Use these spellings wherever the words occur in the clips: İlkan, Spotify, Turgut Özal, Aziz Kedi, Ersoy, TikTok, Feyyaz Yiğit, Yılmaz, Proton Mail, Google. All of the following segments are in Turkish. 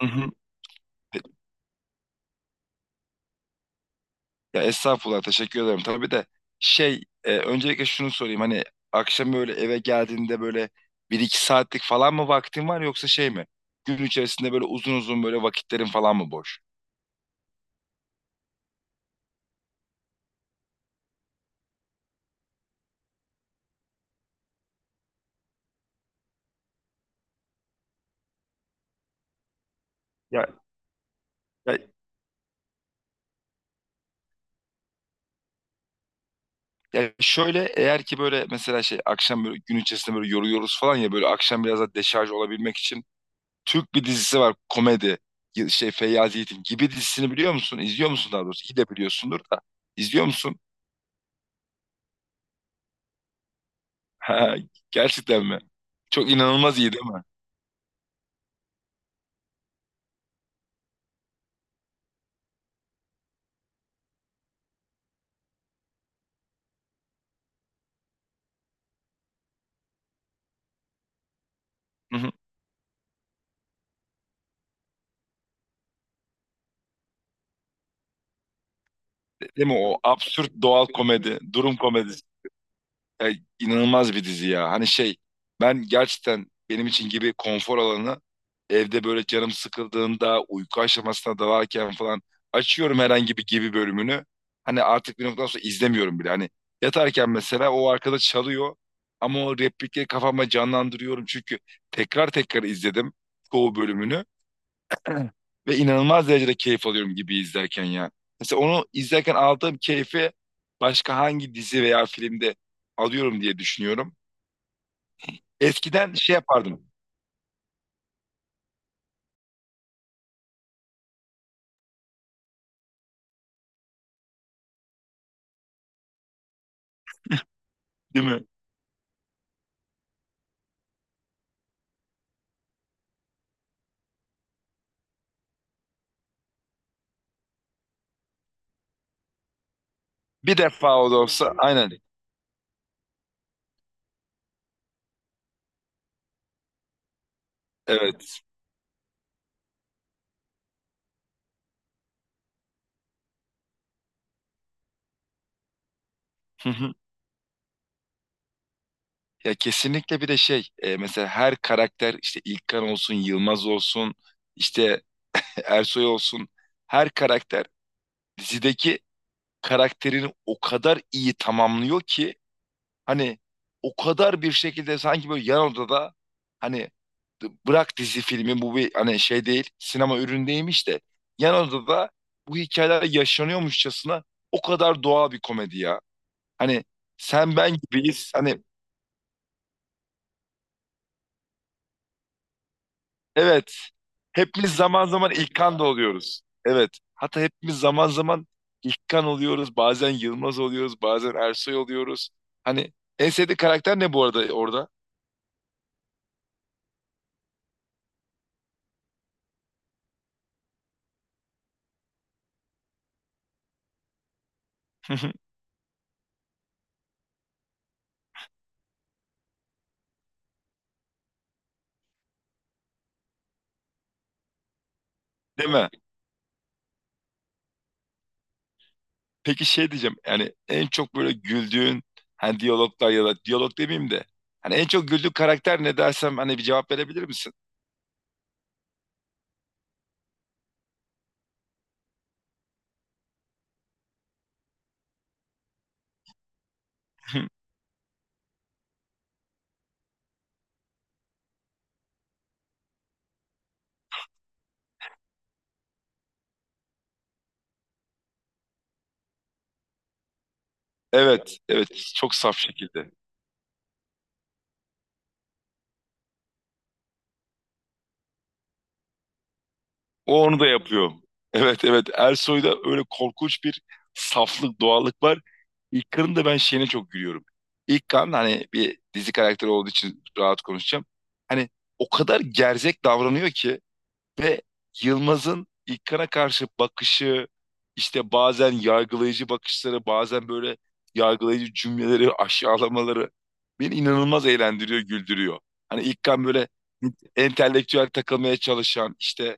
Hı hı. Ya estağfurullah teşekkür ederim. Tabii de öncelikle şunu sorayım hani akşam böyle eve geldiğinde böyle bir iki saatlik falan mı vaktin var yoksa şey mi? Gün içerisinde böyle uzun uzun böyle vakitlerin falan mı boş? Ya, ya, Ya şöyle eğer ki böyle mesela akşam böyle gün içerisinde böyle yoruluyoruz falan ya böyle akşam biraz da deşarj olabilmek için Türk bir dizisi var komedi. Feyyaz Yiğit'in Gibi dizisini biliyor musun? İzliyor musun daha doğrusu? İyi de biliyorsundur da. İzliyor musun? Ha, gerçekten mi? Çok inanılmaz iyi değil mi? Hı hı. Değil mi? O absürt doğal komedi, durum komedisi. Ya, inanılmaz bir dizi ya. Hani ben gerçekten benim için Gibi konfor alanı. Evde böyle canım sıkıldığında uyku aşamasına dalarken falan açıyorum herhangi bir Gibi bölümünü. Hani artık bir noktadan sonra izlemiyorum bile. Hani yatarken mesela o arkada çalıyor ama o replikleri kafama canlandırıyorum çünkü tekrar tekrar izledim çoğu bölümünü. Ve inanılmaz derecede keyif alıyorum Gibi izlerken ya. Mesela onu izlerken aldığım keyfi başka hangi dizi veya filmde alıyorum diye düşünüyorum. Eskiden şey yapardım, değil mi? Bir defa o da olsa aynen. Evet. Hı hı. Ya kesinlikle. Bir de mesela her karakter, işte İlkan olsun, Yılmaz olsun, işte Ersoy olsun, her karakter dizideki karakterini o kadar iyi tamamlıyor ki. Hani o kadar bir şekilde, sanki böyle yan odada, hani bırak dizi filmi, bu bir hani şey değil, sinema ürünü değilmiş de yan odada bu hikayeler yaşanıyormuşçasına o kadar doğal bir komedi ya. Hani sen ben gibiyiz. Hani evet, hepimiz zaman zaman İlkan da oluyoruz. Evet, hatta hepimiz zaman zaman İlkan oluyoruz. Bazen Yılmaz oluyoruz. Bazen Ersoy oluyoruz. Hani en sevdiği karakter ne bu arada orada? Değil mi? Peki şey diyeceğim, yani en çok böyle güldüğün hani diyaloglar ya da diyalog demeyeyim de hani en çok güldüğün karakter ne dersem hani bir cevap verebilir misin? Evet evet, çok saf şekilde. O onu da yapıyor. Evet evet, Ersoy'da öyle korkunç bir saflık doğallık var. İlkan'ın da ben şeyine çok gülüyorum. İlkan hani bir dizi karakteri olduğu için rahat konuşacağım. Hani o kadar gerzek davranıyor ki. Ve Yılmaz'ın İlkan'a karşı bakışı, işte bazen yargılayıcı bakışları, bazen böyle yargılayıcı cümleleri, aşağılamaları beni inanılmaz eğlendiriyor, güldürüyor. Hani İlkan böyle entelektüel takılmaya çalışan, işte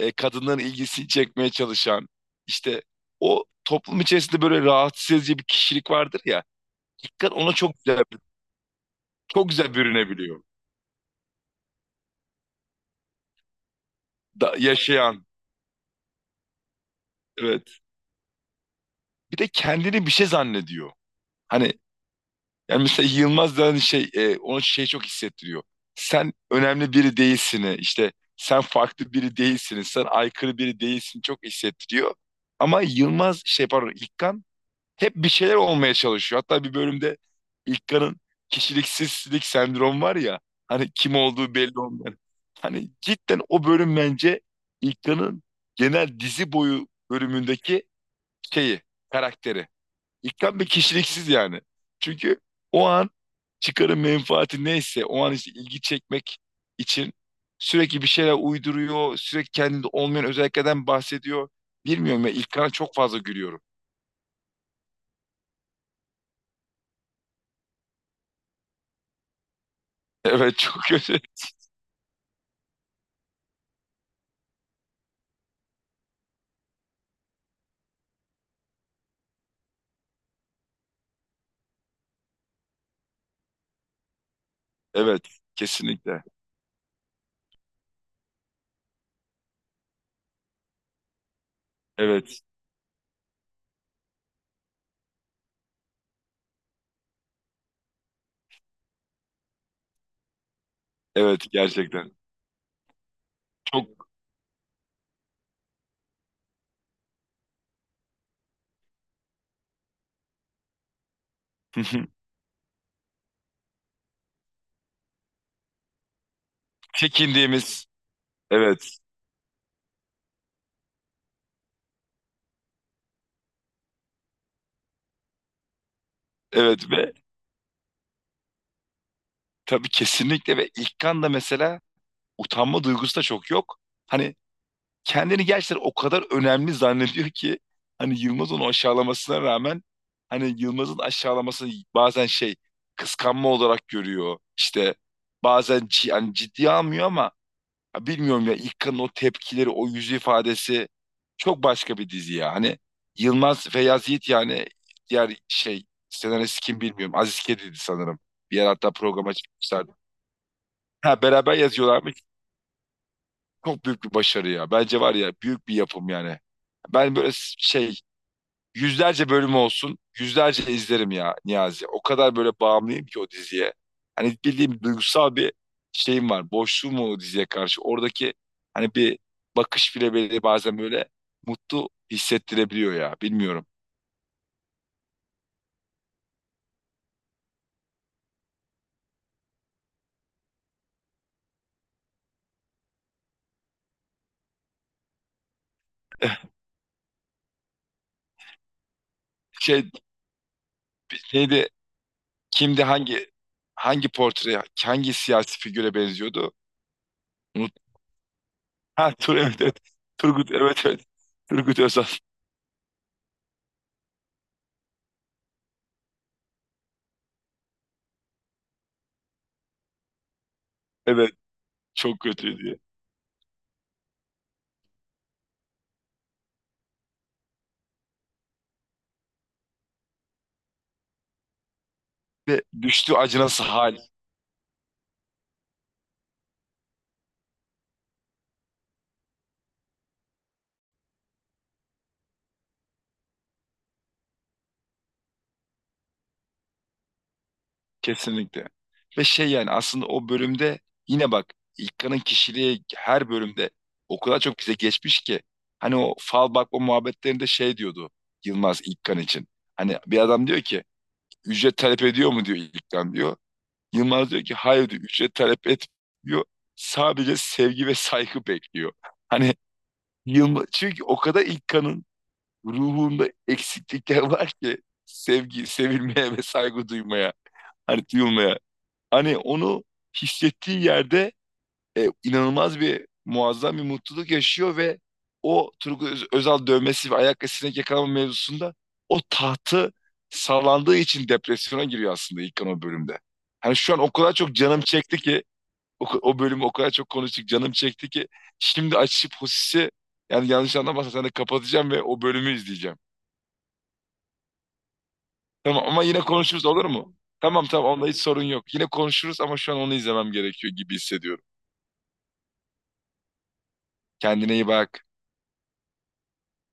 kadınların ilgisini çekmeye çalışan, işte o toplum içerisinde böyle rahatsız edici bir kişilik vardır ya. İlkan ona çok güzel, çok güzel bürünebiliyor. Da, yaşayan, evet. Bir de kendini bir şey zannediyor. Hani yani mesela Yılmaz da hani ona şey çok hissettiriyor. Sen önemli biri değilsin. İşte sen farklı biri değilsin. Sen aykırı biri değilsin, çok hissettiriyor. Ama Yılmaz pardon İlkan hep bir şeyler olmaya çalışıyor. Hatta bir bölümde İlkan'ın kişiliksizlik sendromu var ya, hani kim olduğu belli olmayan. Hani cidden o bölüm bence İlkan'ın genel dizi boyu bölümündeki şeyi, karakteri. İkram bir kişiliksiz yani. Çünkü o an çıkarın menfaati neyse o an işte ilgi çekmek için sürekli bir şeyler uyduruyor. Sürekli kendinde olmayan özelliklerden bahsediyor. Bilmiyorum ya, İlkan'a çok fazla gülüyorum. Evet, çok kötü. Evet, kesinlikle. Evet. Evet, gerçekten. Çok çekindiğimiz. Evet. Evet ve tabii kesinlikle, ve İlkan da mesela utanma duygusu da çok yok. Hani kendini gerçekten o kadar önemli zannediyor ki hani Yılmaz onu aşağılamasına rağmen, hani Yılmaz'ın aşağılaması bazen şey, kıskanma olarak görüyor. İşte bazen yani ciddiye almıyor ama ya bilmiyorum ya, İlkan'ın o tepkileri, o yüz ifadesi çok başka bir dizi ya. Hani Yılmaz Feyyaz Yiğit, yani diğer şey senarist kim bilmiyorum. Aziz Kedi'ydi sanırım. Bir yer hatta programa çıkmışlardı. Ha, beraber yazıyorlarmış. Çok büyük bir başarı ya. Bence var ya, büyük bir yapım yani. Ben böyle yüzlerce bölüm olsun, yüzlerce izlerim ya Niyazi. O kadar böyle bağımlıyım ki o diziye. Hani bildiğim duygusal bir şeyim var. Boşluğum var o diziye karşı. Oradaki hani bir bakış bile beni bazen böyle mutlu hissettirebiliyor ya. Bilmiyorum. Şey neydi? Kimdi, hangi portre hangi siyasi figüre benziyordu? Unut. Ha, evet evet. Turgut evet evet. Turgut Özal. Evet. Çok kötü diye. Ve düştüğü acınası hal, kesinlikle. Ve şey, yani aslında o bölümde yine bak, İlkan'ın kişiliği her bölümde o kadar çok bize geçmiş ki. Hani o fal bakma muhabbetlerinde şey diyordu Yılmaz İlkan için. Hani bir adam diyor ki ücret talep ediyor mu diyor, İlkan diyor. Yılmaz diyor ki hayır diyor, ücret talep etmiyor. Sadece sevgi ve saygı bekliyor. Hani Yılmaz, çünkü o kadar İlkan'ın ruhunda eksiklikler var ki, sevgi, sevilmeye ve saygı duymaya, hani duyulmaya. Hani onu hissettiği yerde inanılmaz bir muazzam bir mutluluk yaşıyor ve o Turgut Özal dövmesi ve ayak sinek yakalama mevzusunda o tahtı sallandığı için depresyona giriyor aslında İlkan o bölümde. Hani şu an o kadar çok canım çekti ki o bölümü, o kadar çok konuştuk, canım çekti ki şimdi açıp Hosis'i, yani yanlış anlamazsan sen de kapatacağım ve o bölümü izleyeceğim. Tamam ama yine konuşuruz olur mu? Tamam tamam, onda hiç sorun yok. Yine konuşuruz ama şu an onu izlemem gerekiyor gibi hissediyorum. Kendine iyi bak.